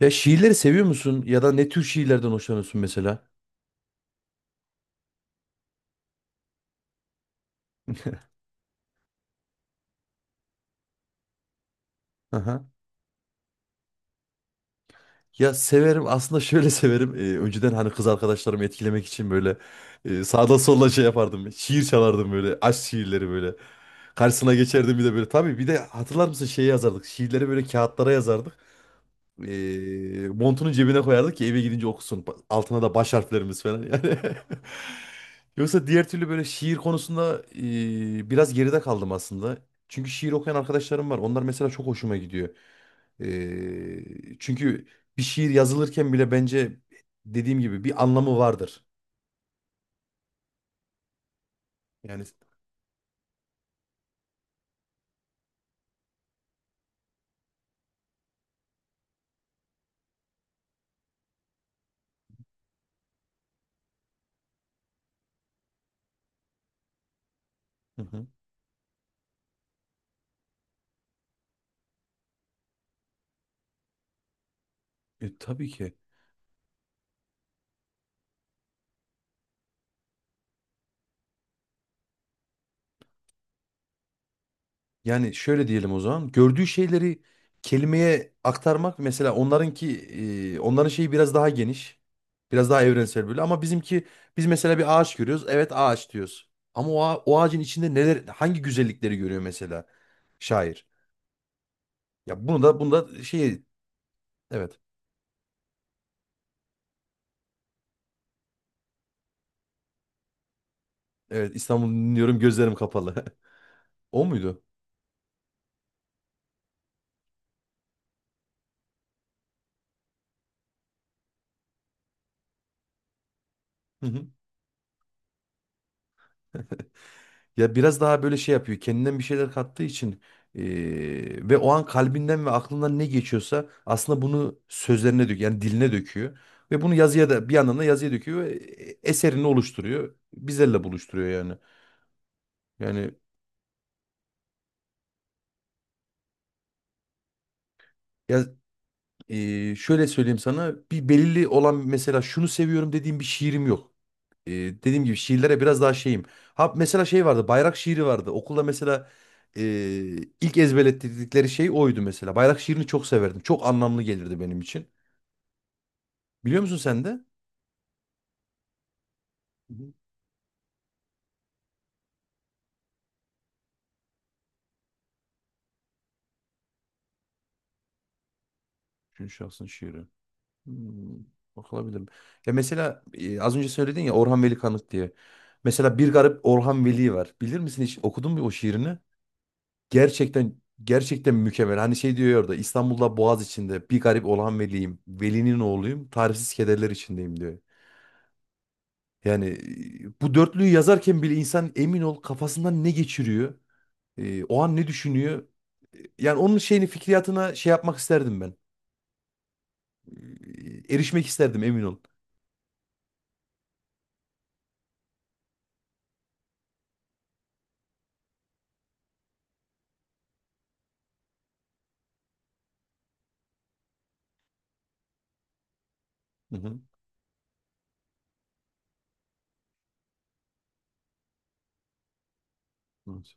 Ya şiirleri seviyor musun? Ya da ne tür şiirlerden hoşlanıyorsun mesela? Aha. Ya severim aslında, şöyle severim. Önceden hani kız arkadaşlarımı etkilemek için böyle sağda solda şey yapardım. Şiir çalardım böyle, aşk şiirleri böyle. Karşısına geçerdim bir de böyle. Tabii bir de hatırlar mısın, şey yazardık. Şiirleri böyle kağıtlara yazardık. Montunun cebine koyardık ki eve gidince okusun. Altına da baş harflerimiz falan yani. Yoksa diğer türlü böyle şiir konusunda biraz geride kaldım aslında. Çünkü şiir okuyan arkadaşlarım var. Onlar mesela çok hoşuma gidiyor. Çünkü bir şiir yazılırken bile bence dediğim gibi bir anlamı vardır. Yani. Hı hı. Tabii ki. Yani şöyle diyelim o zaman. Gördüğü şeyleri kelimeye aktarmak, mesela onlarınki, onların şeyi biraz daha geniş. Biraz daha evrensel böyle, ama bizimki, biz mesela bir ağaç görüyoruz. Evet, ağaç diyoruz. Ama o ağacın içinde neler, hangi güzellikleri görüyor mesela şair. Ya bunu da bunu da şey, evet. Evet, İstanbul'u dinliyorum, gözlerim kapalı. O muydu? Ya biraz daha böyle şey yapıyor. Kendinden bir şeyler kattığı için, ve o an kalbinden ve aklından ne geçiyorsa aslında bunu sözlerine döküyor. Yani diline döküyor. Ve bunu yazıya da, bir yandan da yazıya döküyor ve eserini oluşturuyor. Bizlerle buluşturuyor yani. Yani ya, şöyle söyleyeyim sana, bir belirli olan, mesela şunu seviyorum dediğim bir şiirim yok. Dediğim gibi şiirlere biraz daha şeyim. Ha mesela şey vardı, bayrak şiiri vardı. Okulda mesela e, ilk ezberlettirdikleri şey oydu mesela. Bayrak şiirini çok severdim. Çok anlamlı gelirdi benim için. Biliyor musun sen de? Hı hı. Üçüncü şahsın şiiri. Hmm, Bakılabilir. Ya mesela az önce söyledin ya, Orhan Veli Kanık diye. Mesela Bir Garip Orhan Veli var. Bilir misin, hiç okudun mu o şiirini? Gerçekten gerçekten mükemmel. Hani şey diyor ya orada, İstanbul'da Boğaz içinde bir garip Orhan Veli'yim. Veli'nin oğluyum. Tarifsiz kederler içindeyim diyor. Yani bu dörtlüyü yazarken bile insan, emin ol kafasından ne geçiriyor, o an ne düşünüyor. Yani onun şeyini, fikriyatına şey yapmak isterdim ben. Erişmek isterdim emin ol. Hı hı. Evet.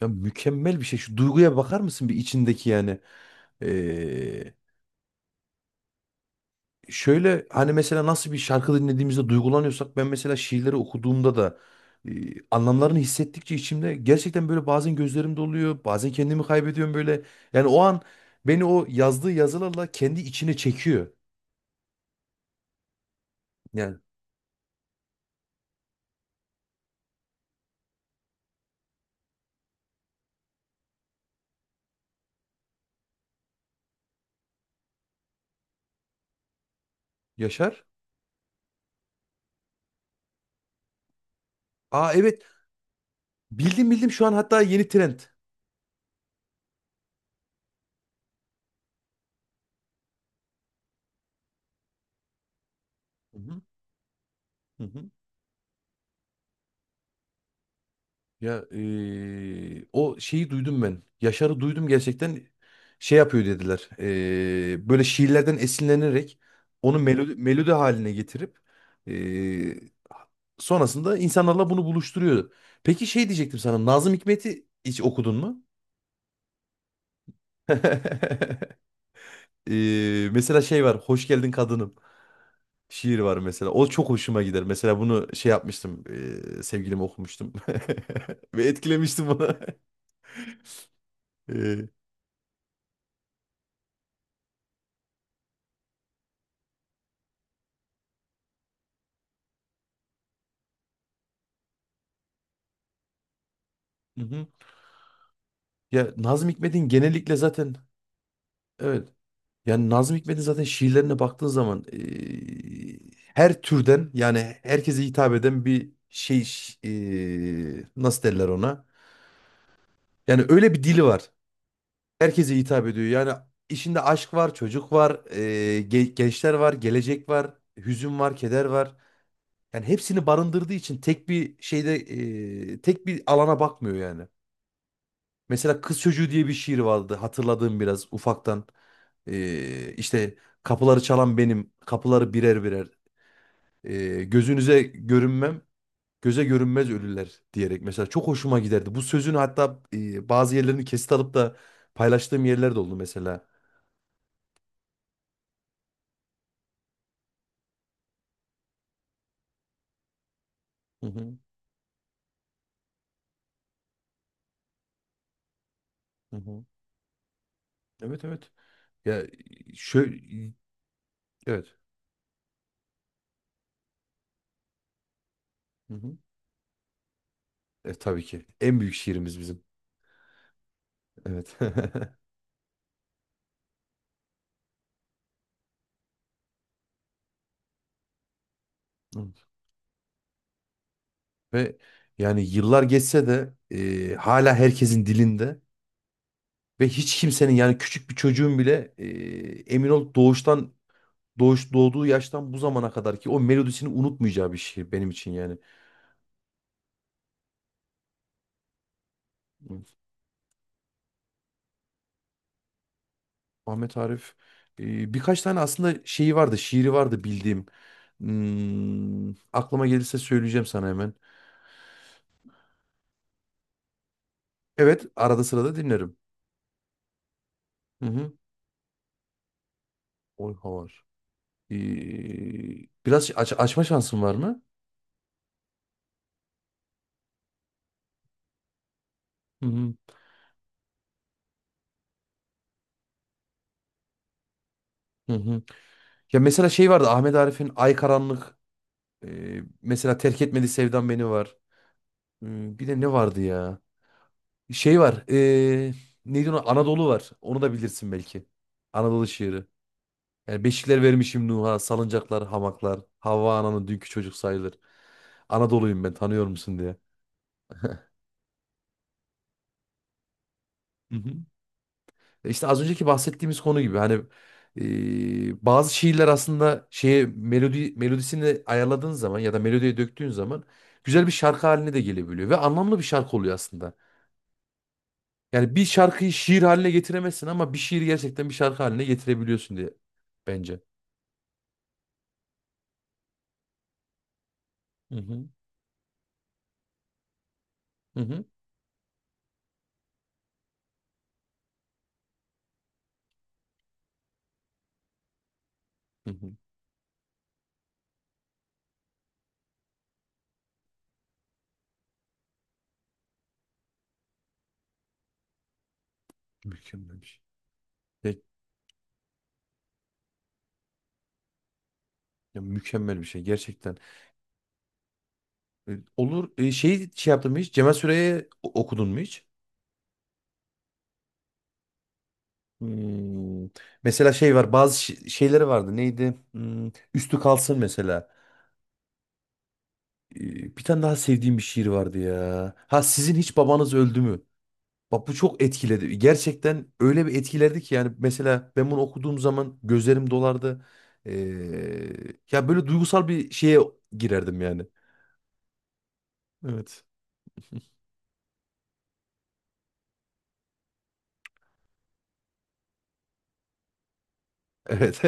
Ya mükemmel bir şey. Şu duyguya bakar mısın bir, içindeki yani? Ee, Şöyle hani, mesela nasıl bir şarkı dinlediğimizde duygulanıyorsak, ben mesela şiirleri okuduğumda da e, anlamlarını hissettikçe içimde, gerçekten böyle bazen gözlerim doluyor, bazen kendimi kaybediyorum böyle. Yani o an beni o yazdığı yazılarla kendi içine çekiyor. Yani. Yaşar. Aa, evet, bildim bildim şu an, hatta yeni trend. Hı hı. Hı hı. Ya o şeyi duydum ben. Yaşar'ı duydum, gerçekten şey yapıyor dediler. Böyle şiirlerden esinlenerek onu melodi haline getirip eee, sonrasında insanlarla bunu buluşturuyor. Peki şey diyecektim sana. Nazım Hikmet'i hiç okudun mu? Mesela şey var. Hoş Geldin Kadınım. Şiir var mesela. O çok hoşuma gider. Mesela bunu şey yapmıştım. Sevgilime okumuştum. Ve etkilemiştim bunu. Ee, Hı hı. Ya Nazım Hikmet'in genellikle zaten, evet. Yani Nazım Hikmet'in zaten şiirlerine baktığın zaman her türden, yani herkese hitap eden bir şey, nasıl derler ona? Yani öyle bir dili var. Herkese hitap ediyor. Yani işinde aşk var, çocuk var, gençler var, gelecek var, hüzün var, keder var. Yani hepsini barındırdığı için, tek bir şeyde tek bir alana bakmıyor yani. Mesela Kız Çocuğu diye bir şiir vardı hatırladığım, biraz ufaktan. İşte kapıları çalan benim, kapıları birer birer. Gözünüze görünmem, göze görünmez ölüler diyerek mesela çok hoşuma giderdi. Bu sözün hatta bazı yerlerini kesit alıp da paylaştığım yerler de oldu mesela. Hı hı, hı hı. Evet, evet. Ya şöyle, evet. Hı hı. Tabii ki. En büyük şiirimiz bizim. Evet. Evet. Ve yani yıllar geçse de hala herkesin dilinde, ve hiç kimsenin, yani küçük bir çocuğun bile emin ol doğuştan, doğduğu yaştan bu zamana kadar ki o melodisini unutmayacağı bir şiir benim için yani. Evet. Ahmet Arif, birkaç tane aslında şeyi vardı, şiiri vardı bildiğim. Aklıma gelirse söyleyeceğim sana hemen. Evet, arada sırada dinlerim. Hı hı. Oy havar. E, Biraz açma şansın var mı? Hı hı. Hı hı. Ya mesela şey vardı, Ahmet Arif'in Ay Karanlık. Mesela Terk Etmedi Sevdam Beni var. Bir de ne vardı ya? Şey var. Neydi ona? Anadolu var. Onu da bilirsin belki. Anadolu şiiri. Yani beşikler vermişim Nuh'a. Salıncaklar, hamaklar. Havva ananın dünkü çocuk sayılır. Anadolu'yum ben, tanıyor musun diye. Hı hı. İşte az önceki bahsettiğimiz konu gibi hani, bazı şiirler aslında şeye, melodisini ayarladığın zaman ya da melodiye döktüğün zaman güzel bir şarkı haline de gelebiliyor ve anlamlı bir şarkı oluyor aslında. Yani bir şarkıyı şiir haline getiremezsin, ama bir şiiri gerçekten bir şarkı haline getirebiliyorsun diye, bence. Hı hı. Hı hı. Hı hı. Mükemmel bir şey. Ya- Ya mükemmel bir şey gerçekten. E, Olur. Şey yaptın mı hiç? Cemal Süreya'yı okudun mu hiç? Hmm. Mesela şey var, bazı şeyleri vardı, neydi, Üstü Kalsın mesela. Bir tane daha sevdiğim bir şiir vardı ya, ha sizin hiç babanız öldü mü, bak bu çok etkiledi gerçekten. Öyle bir etkilerdi ki yani, mesela ben bunu okuduğum zaman gözlerim dolardı. Ee, Ya böyle duygusal bir şeye girerdim yani, evet, evet.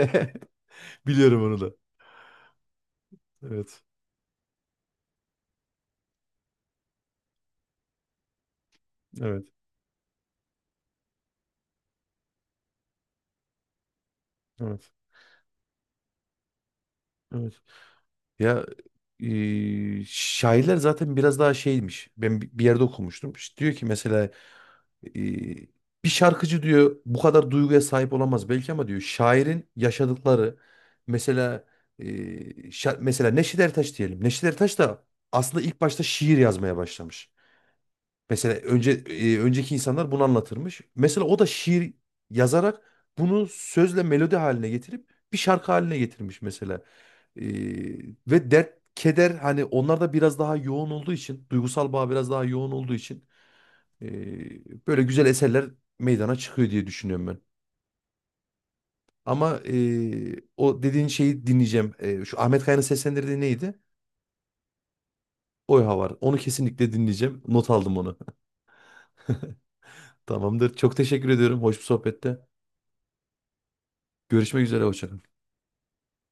Biliyorum onu da. Evet, evet, evet, evet. Ya şairler zaten biraz daha şeymiş. Ben bir yerde okumuştum. İşte diyor ki mesela, e, bir şarkıcı diyor bu kadar duyguya sahip olamaz belki, ama diyor şairin yaşadıkları, mesela e, mesela Neşet Ertaş diyelim. Neşet Ertaş da aslında ilk başta şiir yazmaya başlamış. Mesela önce önceki insanlar bunu anlatırmış. Mesela o da şiir yazarak bunu sözle melodi haline getirip bir şarkı haline getirmiş mesela. E, Ve dert, keder, hani onlar da biraz daha yoğun olduğu için, duygusal bağ biraz daha yoğun olduğu için böyle güzel eserler meydana çıkıyor diye düşünüyorum ben. Ama o dediğin şeyi dinleyeceğim. Şu Ahmet Kaya'nın seslendirdiği neydi? Oy Havar. Onu kesinlikle dinleyeceğim. Not aldım onu. Tamamdır. Çok teşekkür ediyorum. Hoş bir sohbette. Görüşmek üzere. Hoşça kal.